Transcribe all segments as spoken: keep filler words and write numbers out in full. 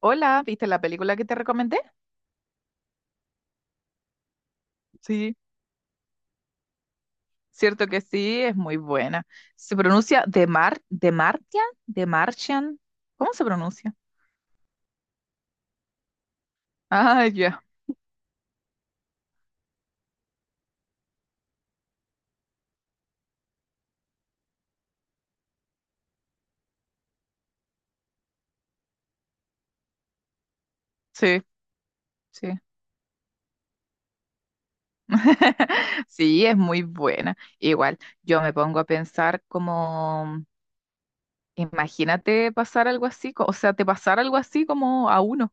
Hola, ¿viste la película que te recomendé? Sí, cierto que sí, es muy buena. Se pronuncia The Mar, The Martian, The Martian. ¿Cómo se pronuncia? Ah, ya, sí, sí. Sí, es muy buena. Igual, yo me pongo a pensar como, imagínate pasar algo así, co- o sea, te pasar algo así como a uno,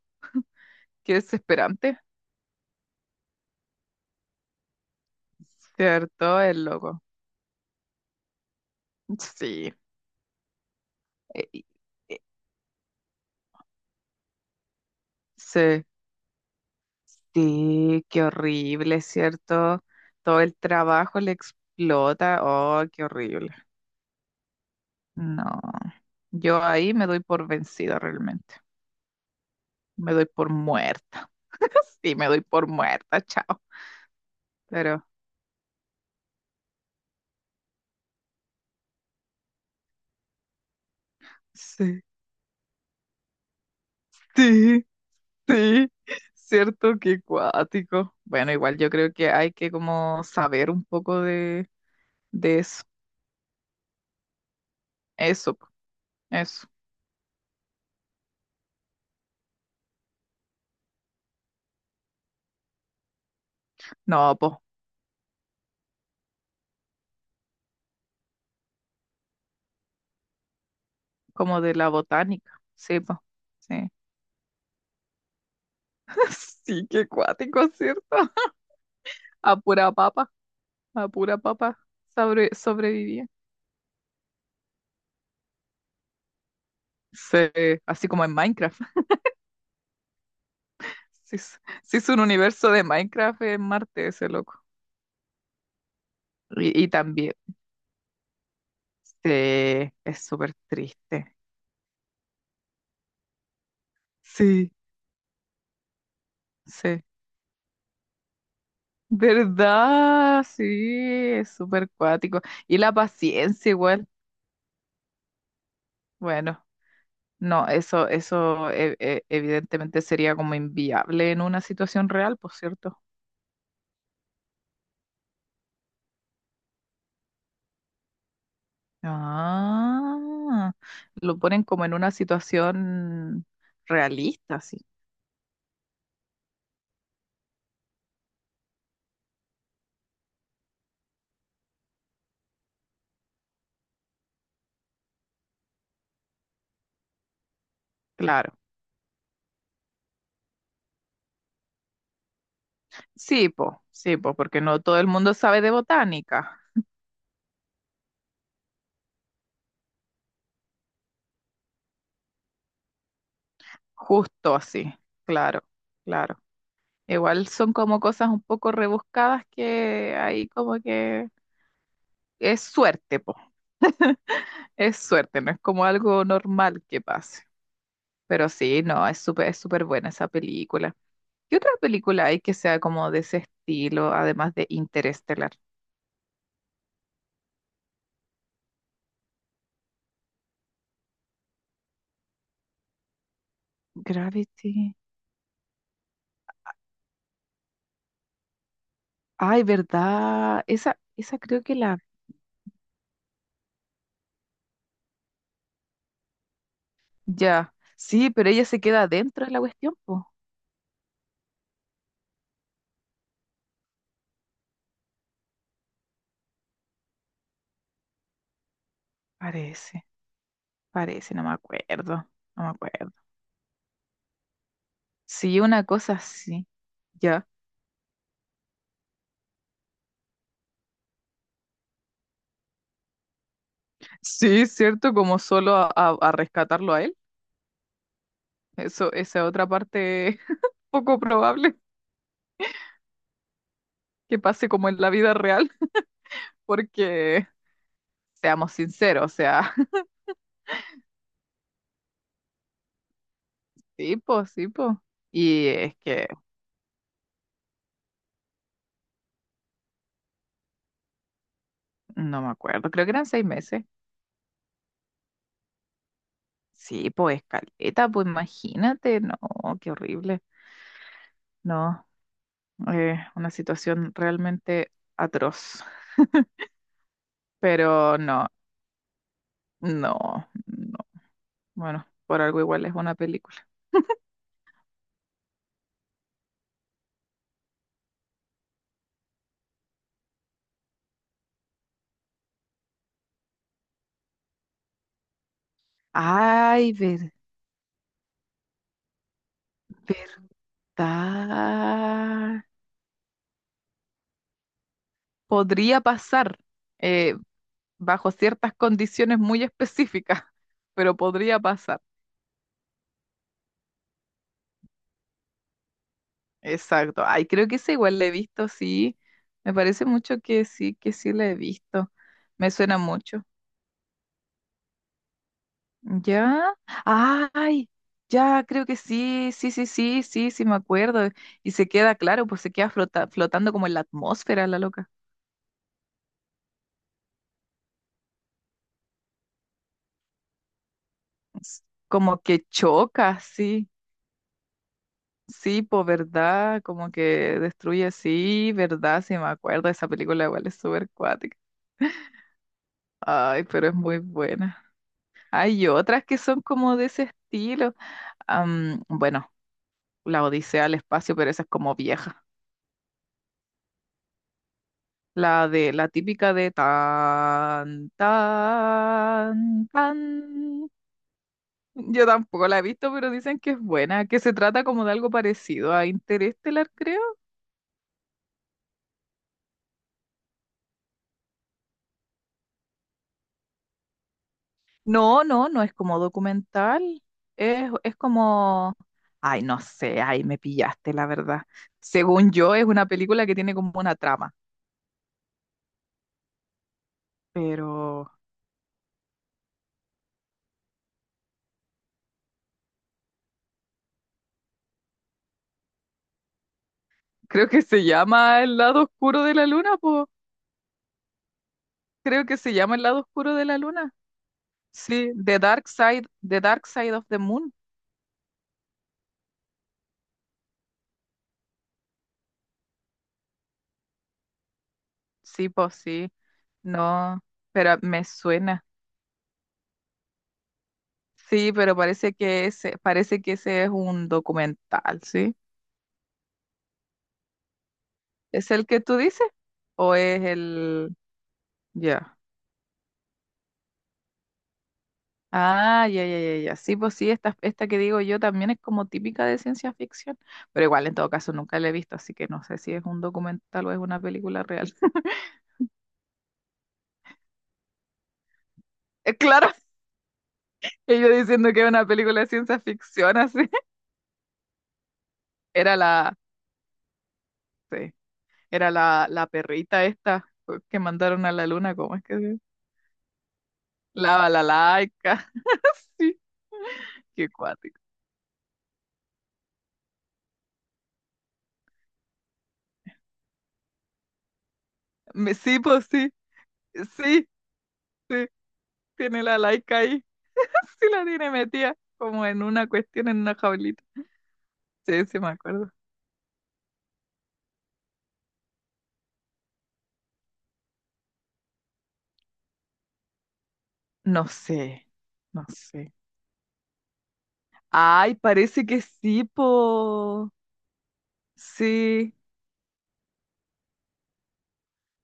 qué desesperante. Cierto, es loco. Sí. Eh, eh, Sí. Sí, qué horrible, ¿cierto? Todo el trabajo le explota. Oh, qué horrible. No, yo ahí me doy por vencida realmente. Me doy por muerta. Sí, me doy por muerta, chao. Pero sí, sí, sí, cierto que cuático. Bueno, igual yo creo que hay que como saber un poco de, de eso. Eso, po, eso. No, pues, como de la botánica. Sí, pues. Sí, qué cuático, ¿cierto? A pura papa, a pura papa sobre, sobrevivía. Sí, así como en Minecraft. Sí, es sí es un universo de Minecraft en Marte, ese loco. Y, y también, sí, es súper triste. Sí, sí. ¿Verdad? Sí, es súper cuático. Y la paciencia igual. Bueno, no, eso, eso e- e- evidentemente sería como inviable en una situación real, por cierto. Ah, lo ponen como en una situación realista, sí, claro. Sí, po, sí, po, porque no todo el mundo sabe de botánica, justo así, claro, claro. Igual son como cosas un poco rebuscadas que ahí como que es suerte, po, es suerte, no es como algo normal que pase. Pero sí, no, es súper, es súper buena esa película. ¿Qué otra película hay que sea como de ese estilo, además de Interestelar? Gravity. Ay, ¿verdad? Esa, esa creo que la... Ya. Sí, pero ella se queda dentro de la cuestión, po. Parece, parece, no me acuerdo. No me acuerdo. Sí, una cosa así. Ya. Sí, cierto, como solo a, a- a rescatarlo a él. Eso, esa otra parte poco probable que pase como en la vida real, porque seamos sinceros, o sea, sí, po, sí, po. Y es que no me acuerdo, creo que eran seis meses. Sí, pues caleta, pues imagínate, no, qué horrible. No, eh, una situación realmente atroz. Pero no, no, no. Bueno, por algo igual es una película. Ay, ver- verdad. Podría pasar eh, bajo ciertas condiciones muy específicas, pero podría pasar. Exacto. Ay, creo que esa igual la he visto, sí. Me parece mucho que sí, que sí la he visto. Me suena mucho. ¿Ya? ¡Ay! Ya, creo que sí, sí, sí, sí, sí, sí, me acuerdo. Y se queda, claro, pues se queda flota- flotando como en la atmósfera, la loca. S- Como que choca, sí, sí, pues verdad, como que destruye, sí, verdad, sí, me acuerdo. Esa película igual es súper cuática. Ay, pero es muy buena. Hay otras que son como de ese estilo. Am, bueno, La Odisea al espacio, pero esa es como vieja. La de la típica de tan, tan, tan. Yo tampoco la he visto, pero dicen que es buena, que se trata como de algo parecido a Interestelar, creo. No, no, no es como documental. Es, es como. Ay, no sé, ay, me pillaste, la verdad. Según yo, es una película que tiene como una trama, pero creo que se llama El lado oscuro de la luna, pues. Creo que se llama El lado oscuro de la luna. Sí, The Dark Side, The Dark Side of the Moon. Sí, pues sí. No, pero me suena. Sí, pero parece que ese, parece que ese es un documental, ¿sí? ¿Es el que tú dices? ¿O es el...? Ya. Ah, ya, ya, ya, ya. Sí, pues sí, esta, esta que digo yo también es como típica de ciencia ficción, pero igual en todo caso nunca la he visto, así que no sé si es un documental o es una película real. Eh, Claro, y yo diciendo que es una película de ciencia ficción, así. Era la... sí. Era la, la perrita esta pues, que mandaron a la luna, ¿cómo es que se La balalaica. Sí, qué cuático. Me- Sí, pues sí, sí, sí, tiene la laica ahí. Sí la tiene metida, como en una cuestión, en una jaulita. Sí, sí, me acuerdo. No sé, no sé. Ay, parece que sí, po. Sí,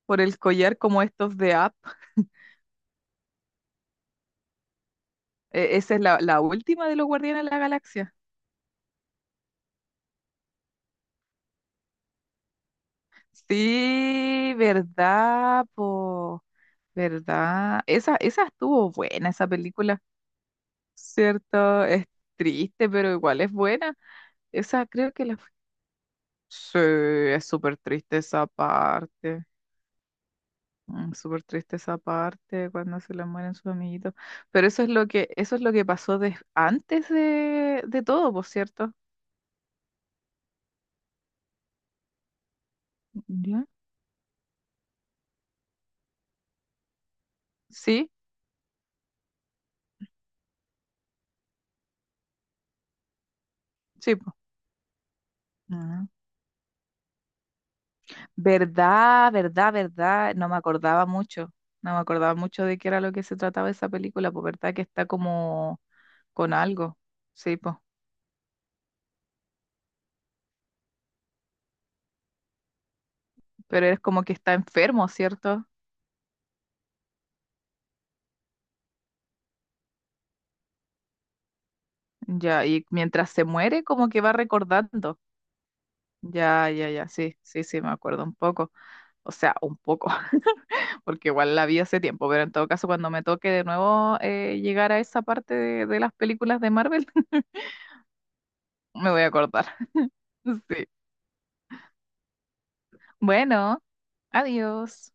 por el collar como estos de App. E- esa es la, la última de los Guardianes de la Galaxia. Sí, verdad, po, verdad. Esa, esa estuvo buena, esa película, ¿cierto? Es triste, pero igual es buena. Esa creo que la... Sí, es súper triste esa parte. Mm, súper triste esa parte cuando se le mueren sus amiguitos. Pero eso es lo que, eso es lo que pasó des- antes de, de todo, por cierto. ¿Ya? Sí, sí, po. Verdad, verdad, verdad. No me acordaba mucho. No me acordaba mucho de qué era lo que se trataba esa película, pues verdad que está como con algo. Sí, pues. Pero es como que está enfermo, ¿cierto? Ya, y mientras se muere, como que va recordando. Ya, ya, ya, sí, sí, sí, me acuerdo un poco. O sea, un poco, porque igual la vi hace tiempo, pero en todo caso, cuando me toque de nuevo eh, llegar a esa parte de, de las películas de Marvel, me voy a acordar. Sí. Bueno, adiós.